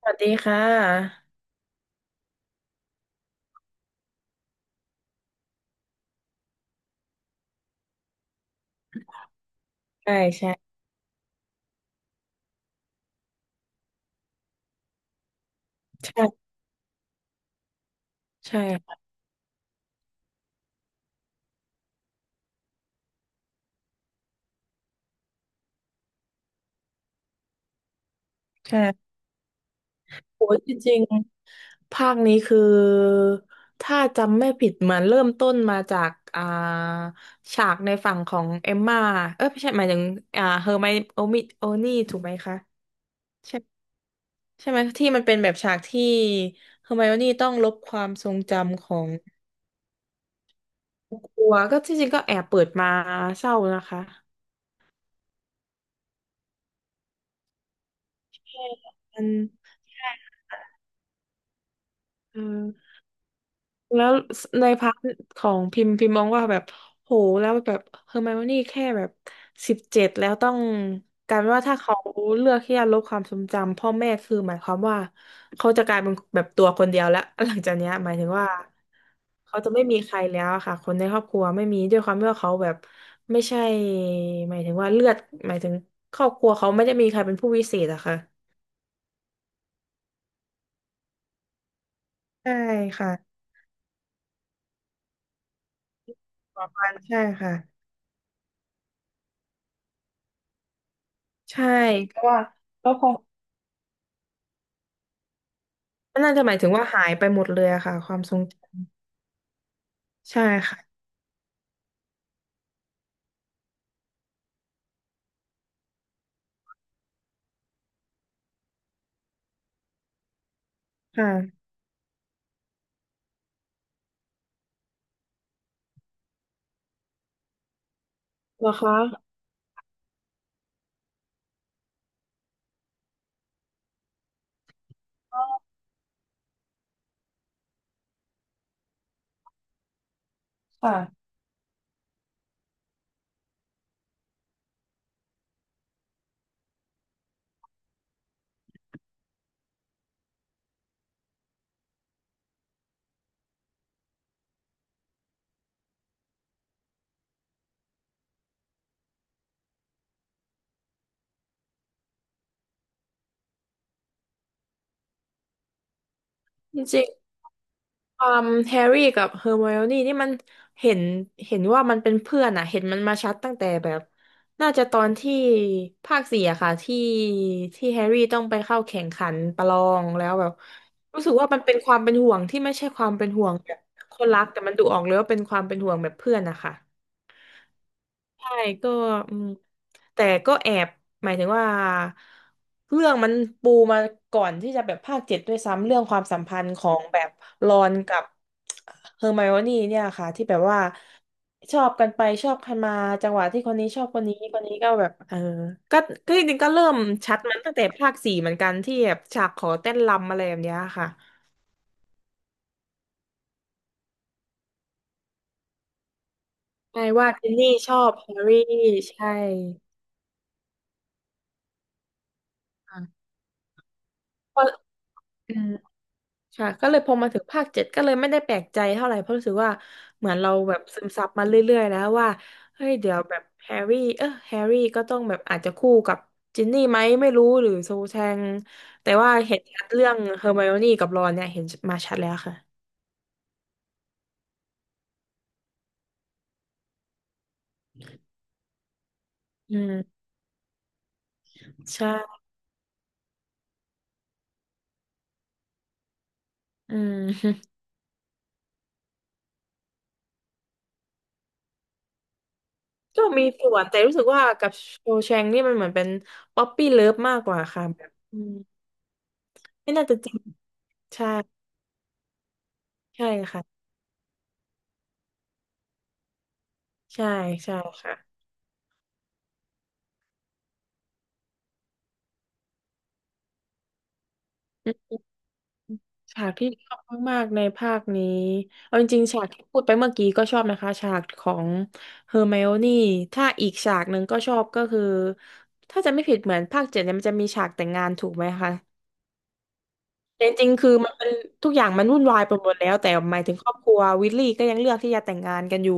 สวัสดีค่ะ ใช่ใช่ใช่ใช่ค่ะใช่โอ้ยจริงๆภาคนี้คือถ้าจำไม่ผิดเหมือนเริ่มต้นมาจากฉากในฝั่งของเอมม่าเออไม่ใช่หมายถึงเฮอร์ไมโอมิโอนี่ถูกไหมคะใช่ใช่ไหมที่มันเป็นแบบฉากที่เฮอร์ไมโอนี่ต้องลบความทรงจำของครัวก็ที่จริงก็แอบเปิดมาเศร้านะคะใช่มันเออ แล้วในพาร์ทของพิมพ์มองว่าแบบโหแล้วแบบเฮอร์ไมโอนี่แค่แบบ17แล้วต้องกลายเป็นว่าถ้าเขาเลือกที่จะลบความทรงจำพ่อแม่คือหมายความว่าเขาจะกลายเป็นแบบตัวคนเดียวแล้วหลังจากเนี้ยหมายถึงว่าเขาจะไม่มีใครแล้วอะค่ะคนในครอบครัวไม่มีด้วยความที่ว่าเขาแบบไม่ใช่หมายถึงว่าเลือดหมายถึงครอบครัวเขาไม่ได้มีใครเป็นผู้วิเศษอะค่ะใช่ค่ะประมาณใช่ค่ะใช่เพราะว่าแล้วพอ น่าจะหมายถึงว่าหายไปหมดเลยอะค่ะความทรงจำใช่ค่ะค่ะเหรอคะอ๋อค่ะจริงๆความแฮร์รี่กับเฮอร์ไมโอนี่นี่มันเห็นเห็นว่ามันเป็นเพื่อนอะเห็นมันมาชัดตั้งแต่แบบน่าจะตอนที่ภาคสี่อะค่ะที่แฮร์รี่ต้องไปเข้าแข่งขันประลองแล้วแบบรู้สึกว่ามันเป็นความเป็นห่วงที่ไม่ใช่ความเป็นห่วงแบบคนรักแต่มันดูออกเลยว่าเป็นความเป็นห่วงแบบเพื่อนนะคะ ใช่ก็อืมแต่ก็แอบหมายถึงว่าเรื่องมันปูมาก่อนที่จะแบบภาคเจ็ดด้วยซ้ำเรื่องความสัมพันธ์ของแบบรอนกับเฮอร์ไมโอนี่เนี่ยค่ะที่แบบว่าชอบกันไปชอบกันมาจังหวะที่คนนี้ชอบคนนี้คนนี้ก็แบบเออก็ก็จริงๆก็เริ่มชัดมันตั้งแต่ภาคสี่เหมือนกันที่แบบฉากขอเต้นรำอะไรแบบเนี้ยค่ะใช่ว่าเจนนี่ชอบแฮร์รี่ใช่ค่ะเพราะ ค่ะก็เลยพอมาถึงภาคเจ็ดก็เลยไม่ได้แปลกใจเท่าไหร่เพราะรู้สึกว่าเหมือนเราแบบซึมซับมาเรื่อยๆแล้วว่าเฮ้ยเดี๋ยวแบบแฮร์รี่เออแฮร์รี่ก็ต้องแบบอาจจะคู่กับจินนี่ไหมไม่รู้หรือโซแชงแต่ว่าเห็นชัดเรื่องเฮอร์ไมโอนี่กับรอนเนี่ยเห็นมาชัดแล้วค่ะอืมใช่อืม ก็มีส่วนแต่รู้สึกว่ากับโซแชงนี่มันเหมือนเป็นป๊อปปี้เลิฟมากกว่าค่ะแบบอืมไม่น่าจะจริงใช่ใช่ค่ะใช่ใช่ค่ะ ฉากที่ชอบมากๆในภาคนี้เอาจริงๆฉากที่พูดไปเมื่อกี้ก็ชอบนะคะฉากของเฮอร์ไมโอนี่ถ้าอีกฉากหนึ่งก็ชอบก็คือถ้าจะไม่ผิดเหมือนภาคเจ็ดเนี่ยมันจะมีฉากแต่งงานถูกไหมคะแต่จริงๆคือมันเป็นทุกอย่างมันวุ่นวายไปหมดแล้วแต่หมายถึงครอบครัววิลลี่ก็ยังเลือกที่จะแต่งงานกันอยู่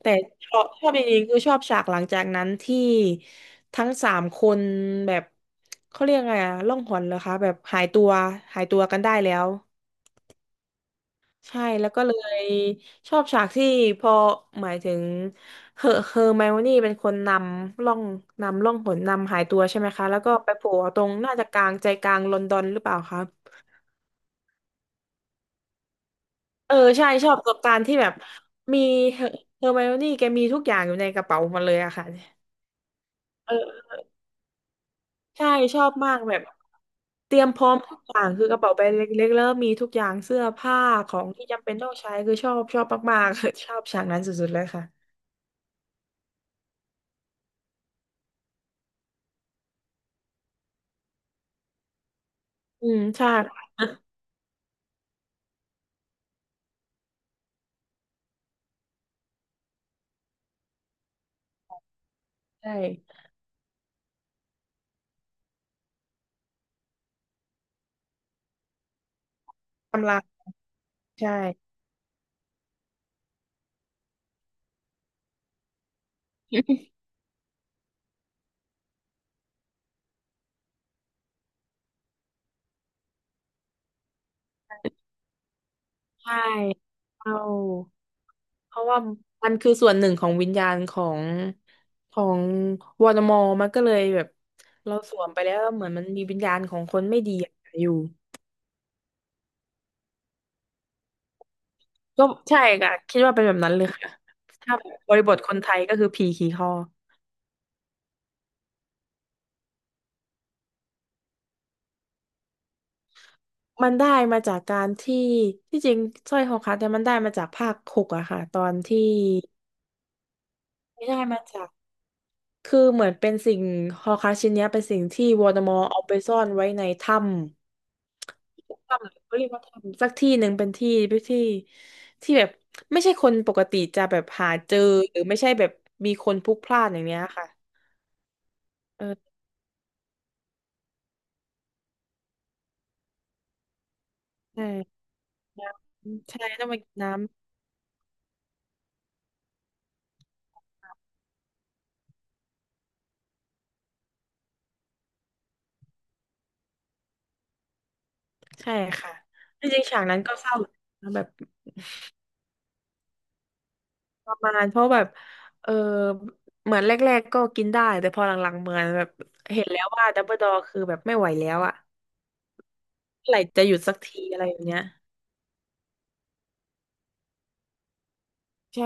แต่ชอบจริงๆคือชอบฉากหลังจากนั้นที่ทั้งสามคนแบบเขาเรียกไงอะล่องหนเหรอคะแบบหายตัวกันได้แล้ว ใช่แล้วก็เลยชอบฉากที่พอหมายถึงเฮอร์ไมโอนี่เป็นคนำล่องนำล่องหนนำหายตัวใช่ไหมคะแล้วก็ไปโผล่ตรงน่าจะกลางใจกลางลอนดอนหรือเปล่าคะเออใช่ชอบประสบการณ์ที่แบบมีเฮอเฮอร์ไมโอนี่แกมีทุกอย่างอยู่ในกระเป๋าหมาเลยอะค่ะเออใช่ชอบมากแบบเตรียมพร้อมทุกอย่างคือกระเป๋าใบเล็กๆแล้วมีทุกอย่างเสื้อผ้าของที่จำเป็นต้องใช้คือชอบมากๆ ชอบฉากนั้นสุดๆเลยค่ะอืมใช่ใช่ กำลังใช่ใช่เอาเพราะว่ามันคือส่วนหนึ่งของวิญญาณของของวอร์มอมันก็เลยแบบเราสวมไปแล้วเหมือนมันมีวิญญาณของคนไม่ดีอยู่ก็ใช่ค่ะคิดว่าเป็นแบบนั้นเลยค่ะถ้าบริบทคนไทยก็คือผีขี่คอมันได้มาจากการที่ที่จริงสร้อยคอคัดเนี่ยมันได้มาจากภาคหกอะค่ะตอนที่ไม่ได้มาจาก คือเหมือนเป็นสิ่งฮอร์ครักซ์ชิ้นเนี้ยเป็นสิ่งที่วอลเดอมอร์เอาไปซ่อนไว้ในถ้ำหรือเขาเรียกว่าถ้ำสักที่หนึ่งเป็นที่ที่ที่แบบไม่ใช่คนปกติจะแบบหาเจอหรือไม่ใช่แบบมีคนพลุกพล่านอย่างเนี้ยค่ะเออใช่ใช่ต้องไปกินน้ำใช่ค่ะจริงๆฉากนั้นก็เศร้าแบบประมาณเพราะแบบเออเหมือนแรกๆก็กินได้แต่พอหลังๆเหมือนแบบเห็นแล้วว่าดับเบิลดอร์คือแบบไม่ไหวแล้วอะเมื่อไหร่จะหยุดสักทีอะไรอย่างเงี้ย ใช่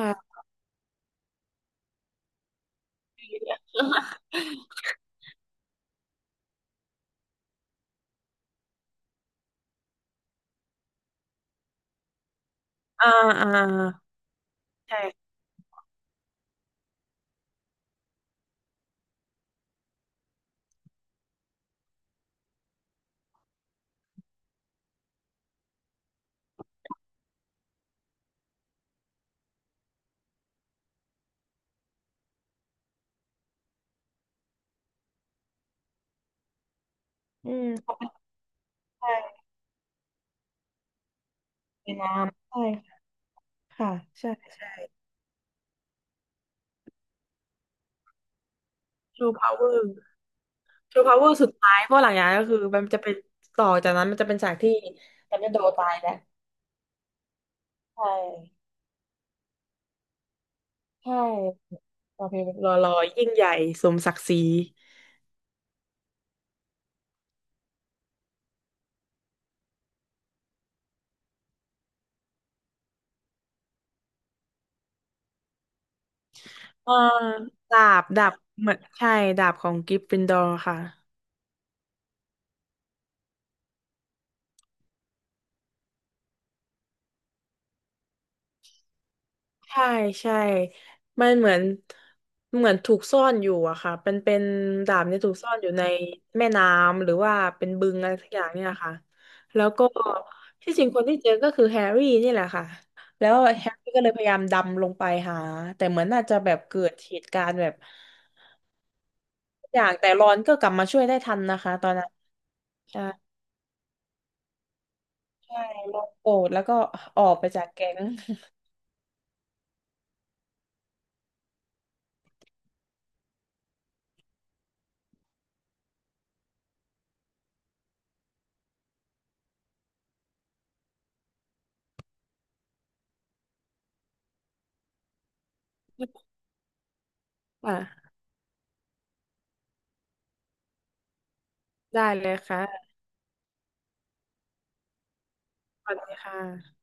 อ่าอ่า ใช่ อืมเขาไม่ใด้มีน้ำใช่ค่ะ ใช่ใช่ชูพาวเวอร์สุดท้ายเพราะหลังจากนั้นก็คือมันจะเป็นต่อจากนั้นมันจะเป็นฉากที่แตนจะโดตายแล้วใช่ ใช่โอเครอรอยิ่งใหญ่ สมศักดิ์ศรีอ่าดาบเหมือนใช่ดาบของกริฟฟินดอร์ค่ะ ใช่ใช่มันเหมือนถูกซ่อนอยู่อะค่ะเป็นเป็นดาบเนี่ยถูกซ่อนอยู่ในแม่น้ำหรือว่าเป็นบึงอะไรสักอย่างเนี่ยค่ะแล้วก็ที่จริงคนที่เจอก็คือแฮร์รี่นี่แหละค่ะแล้วแฮร์รี่ก็เลยพยายามดำลงไปหาแต่เหมือนน่าจะแบบเกิดเหตุการณ์แบบอย่างแต่รอนก็กลับมาช่วยได้ทันนะคะตอนนั้นใช่ใช่รอนโกรธแล้วก็ออกไปจากแก๊ง อ่ะได้เลยค่ะสวัสดีค่ะ